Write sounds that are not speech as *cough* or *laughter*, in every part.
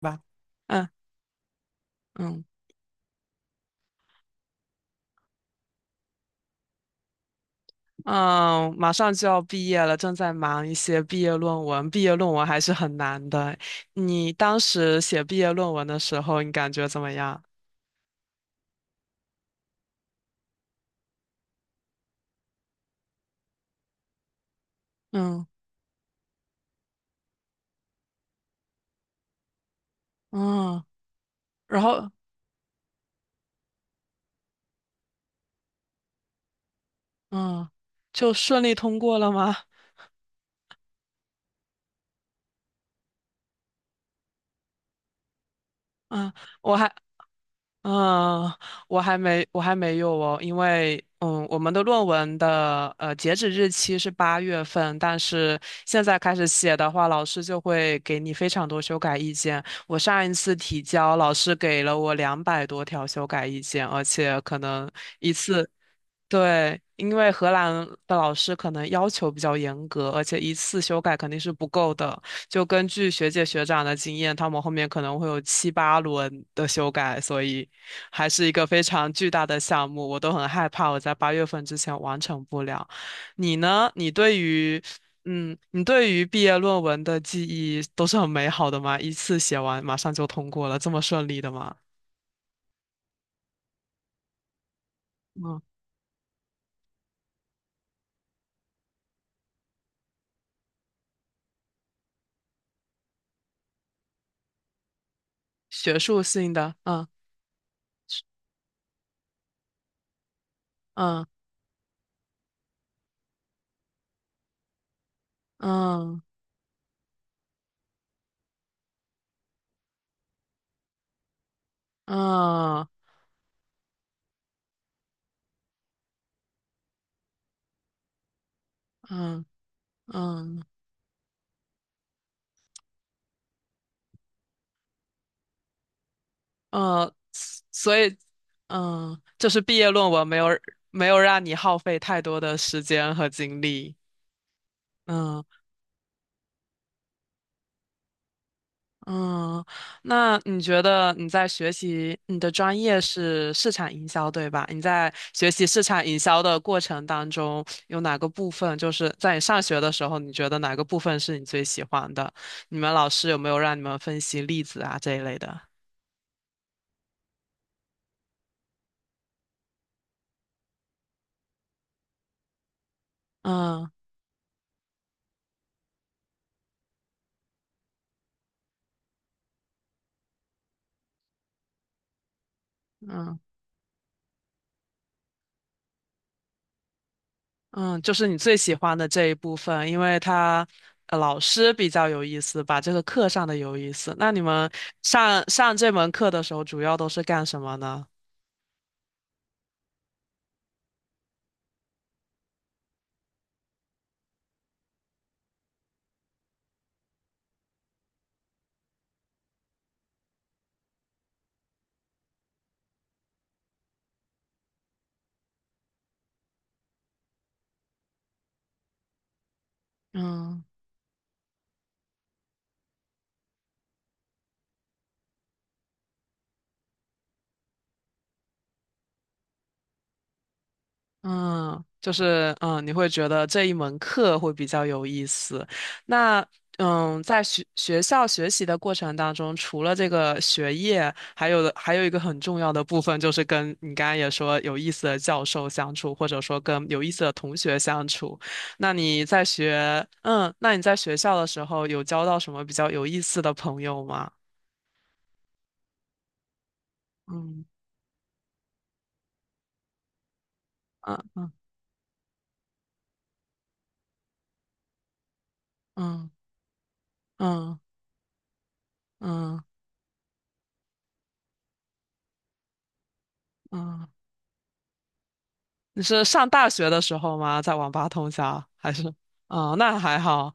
吧。嗯嗯嗯，马上就要毕业了，正在忙一些毕业论文。毕业论文还是很难的。你当时写毕业论文的时候，你感觉怎么样？嗯嗯，然后嗯，就顺利通过了吗？嗯，我还嗯，我还没有哦，因为嗯，我们的论文的截止日期是八月份，但是现在开始写的话，老师就会给你非常多修改意见。我上一次提交，老师给了我200多条修改意见，而且可能一次。对，因为荷兰的老师可能要求比较严格，而且一次修改肯定是不够的。就根据学姐学长的经验，他们后面可能会有七八轮的修改，所以还是一个非常巨大的项目。我都很害怕我在八月份之前完成不了。你呢？你对于，嗯，你对于毕业论文的记忆都是很美好的吗？一次写完马上就通过了，这么顺利的吗？嗯，学术性的，嗯嗯嗯。嗯嗯嗯嗯，所以嗯，就是毕业论文没有没有让你耗费太多的时间和精力。嗯嗯，那你觉得你在学习你的专业是市场营销，对吧？你在学习市场营销的过程当中，有哪个部分就是在你上学的时候，你觉得哪个部分是你最喜欢的？你们老师有没有让你们分析例子啊这一类的？嗯嗯。嗯，就是你最喜欢的这一部分，因为他老师比较有意思把这个课上的有意思。那你们上这门课的时候，主要都是干什么呢？嗯。嗯，就是嗯，你会觉得这一门课会比较有意思。那嗯，在学校学习的过程当中，除了这个学业，还有一个很重要的部分，就是跟你刚刚也说有意思的教授相处，或者说跟有意思的同学相处。那你在学，嗯，那你在学校的时候有交到什么比较有意思的朋友吗？嗯嗯嗯嗯嗯嗯嗯。嗯你是上大学的时候吗？在网吧通宵还是？哦，那还好。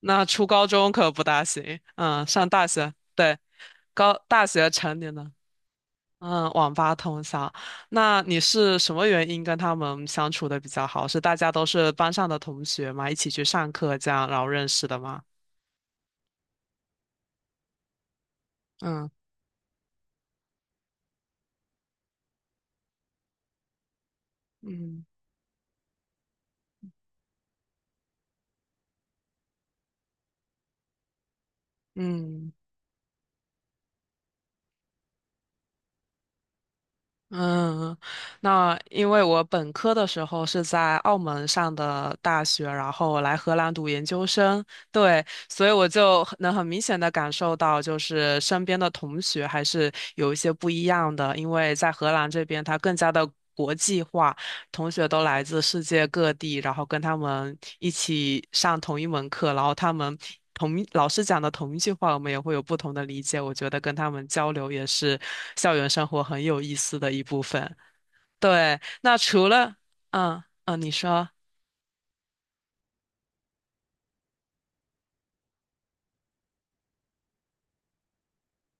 那初高中可不大行。嗯，上大学，对，高大学成年了。嗯，网吧通宵。那你是什么原因跟他们相处的比较好？是大家都是班上的同学嘛？一起去上课这样，然后认识的吗？嗯嗯嗯。嗯，那因为我本科的时候是在澳门上的大学，然后来荷兰读研究生，对，所以我就很能很明显的感受到，就是身边的同学还是有一些不一样的，因为在荷兰这边它更加的。国际化。同学都来自世界各地，然后跟他们一起上同一门课，然后他们同一老师讲的同一句话，我们也会有不同的理解。我觉得跟他们交流也是校园生活很有意思的一部分。对，那除了嗯嗯，你说。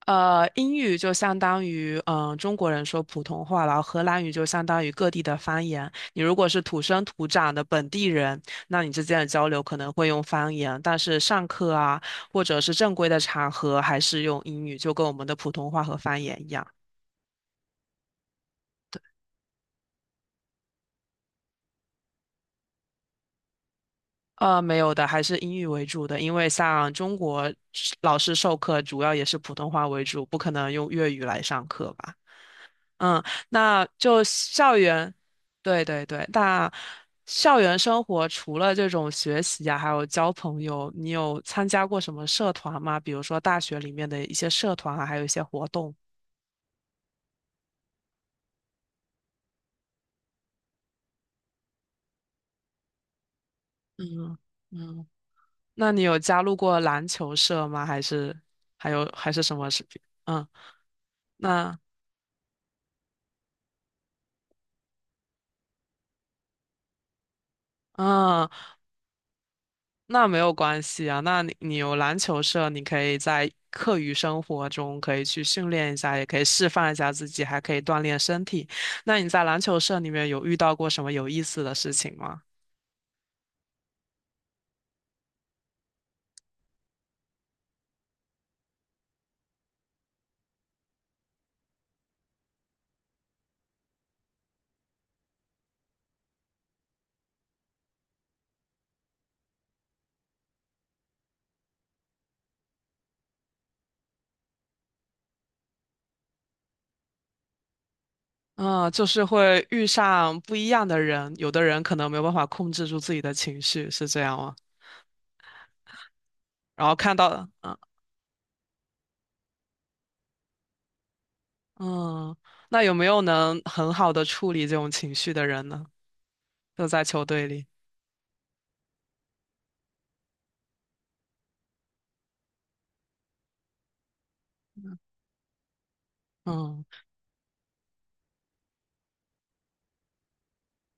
英语就相当于中国人说普通话，然后荷兰语就相当于各地的方言。你如果是土生土长的本地人，那你之间的交流可能会用方言，但是上课啊，或者是正规的场合，还是用英语，就跟我们的普通话和方言一样。没有的，还是英语为主的，因为像中国老师授课主要也是普通话为主，不可能用粤语来上课吧。嗯，那就校园，对对对，那校园生活除了这种学习啊，还有交朋友，你有参加过什么社团吗？比如说大学里面的一些社团啊，还有一些活动。嗯嗯，那你有加入过篮球社吗？还是还有还是什么事情？嗯，那嗯。那没有关系啊，那你有篮球社，你可以在课余生活中可以去训练一下，也可以释放一下自己，还可以锻炼身体。那你在篮球社里面有遇到过什么有意思的事情吗？嗯，就是会遇上不一样的人，有的人可能没有办法控制住自己的情绪，是这样吗？然后看到，嗯嗯，那有没有能很好的处理这种情绪的人呢？就在球队里，嗯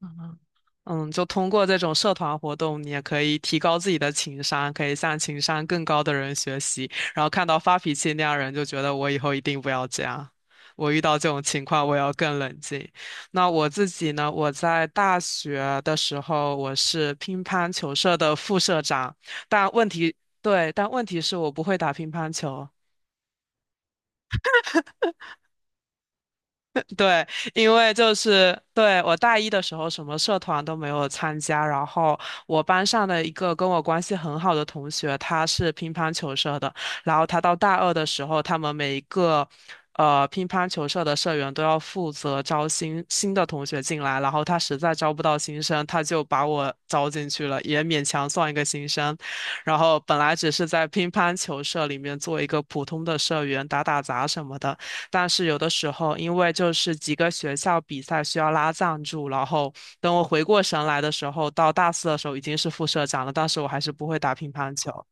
嗯。嗯，就通过这种社团活动，你也可以提高自己的情商，可以向情商更高的人学习。然后看到发脾气那样人，就觉得我以后一定不要这样。我遇到这种情况，我要更冷静。那我自己呢？我在大学的时候，我是乒乓球社的副社长，但问题，对，但问题是我不会打乒乓球。对，因为就是对我大一的时候什么社团都没有参加，然后我班上的一个跟我关系很好的同学，他是乒乓球社的，然后他到大二的时候，他们每一个乒乓球社的社员都要负责招新新的同学进来，然后他实在招不到新生，他就把我招进去了，也勉强算一个新生。然后本来只是在乒乓球社里面做一个普通的社员，打打杂什么的。但是有的时候因为就是几个学校比赛需要拉赞助，然后等我回过神来的时候，到大四的时候已经是副社长了，但是我还是不会打乒乓球。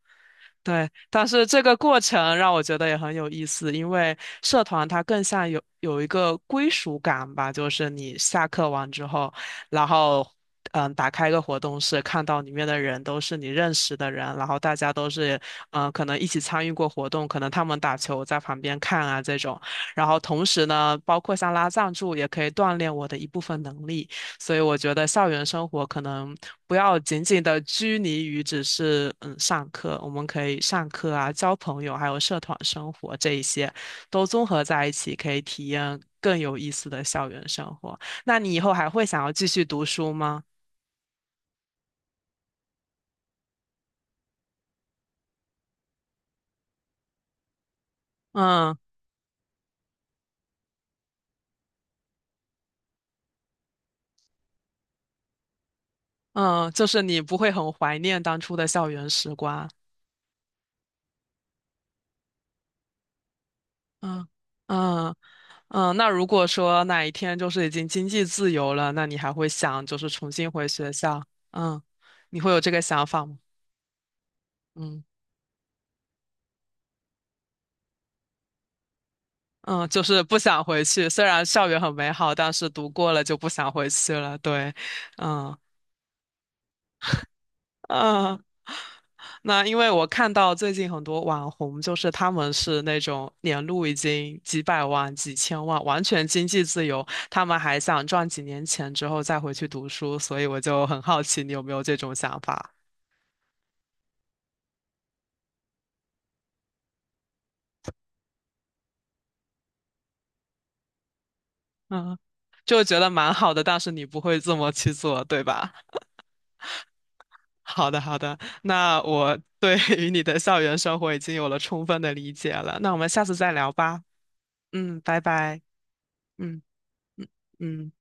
对，但是这个过程让我觉得也很有意思，因为社团它更像有一个归属感吧，就是你下课完之后，然后嗯，打开一个活动室，看到里面的人都是你认识的人，然后大家都是嗯，可能一起参与过活动，可能他们打球我在旁边看啊这种，然后同时呢，包括像拉赞助也可以锻炼我的一部分能力，所以我觉得校园生活可能不要仅仅的拘泥于只是嗯上课，我们可以上课啊、交朋友，还有社团生活这一些都综合在一起，可以体验更有意思的校园生活。那你以后还会想要继续读书吗？嗯嗯，就是你不会很怀念当初的校园时光。嗯嗯嗯，那如果说哪一天就是已经经济自由了，那你还会想就是重新回学校？嗯，你会有这个想法吗？嗯嗯，就是不想回去。虽然校园很美好，但是读过了就不想回去了。对，嗯嗯。那因为我看到最近很多网红，就是他们是那种年入已经几百万、几千万，完全经济自由，他们还想赚几年钱之后再回去读书，所以我就很好奇你有没有这种想法？嗯，就觉得蛮好的，但是你不会这么去做，对吧？好的，好的，那我对 *laughs* 于你的校园生活已经有了充分的理解了，那我们下次再聊吧。嗯，拜拜。嗯嗯嗯。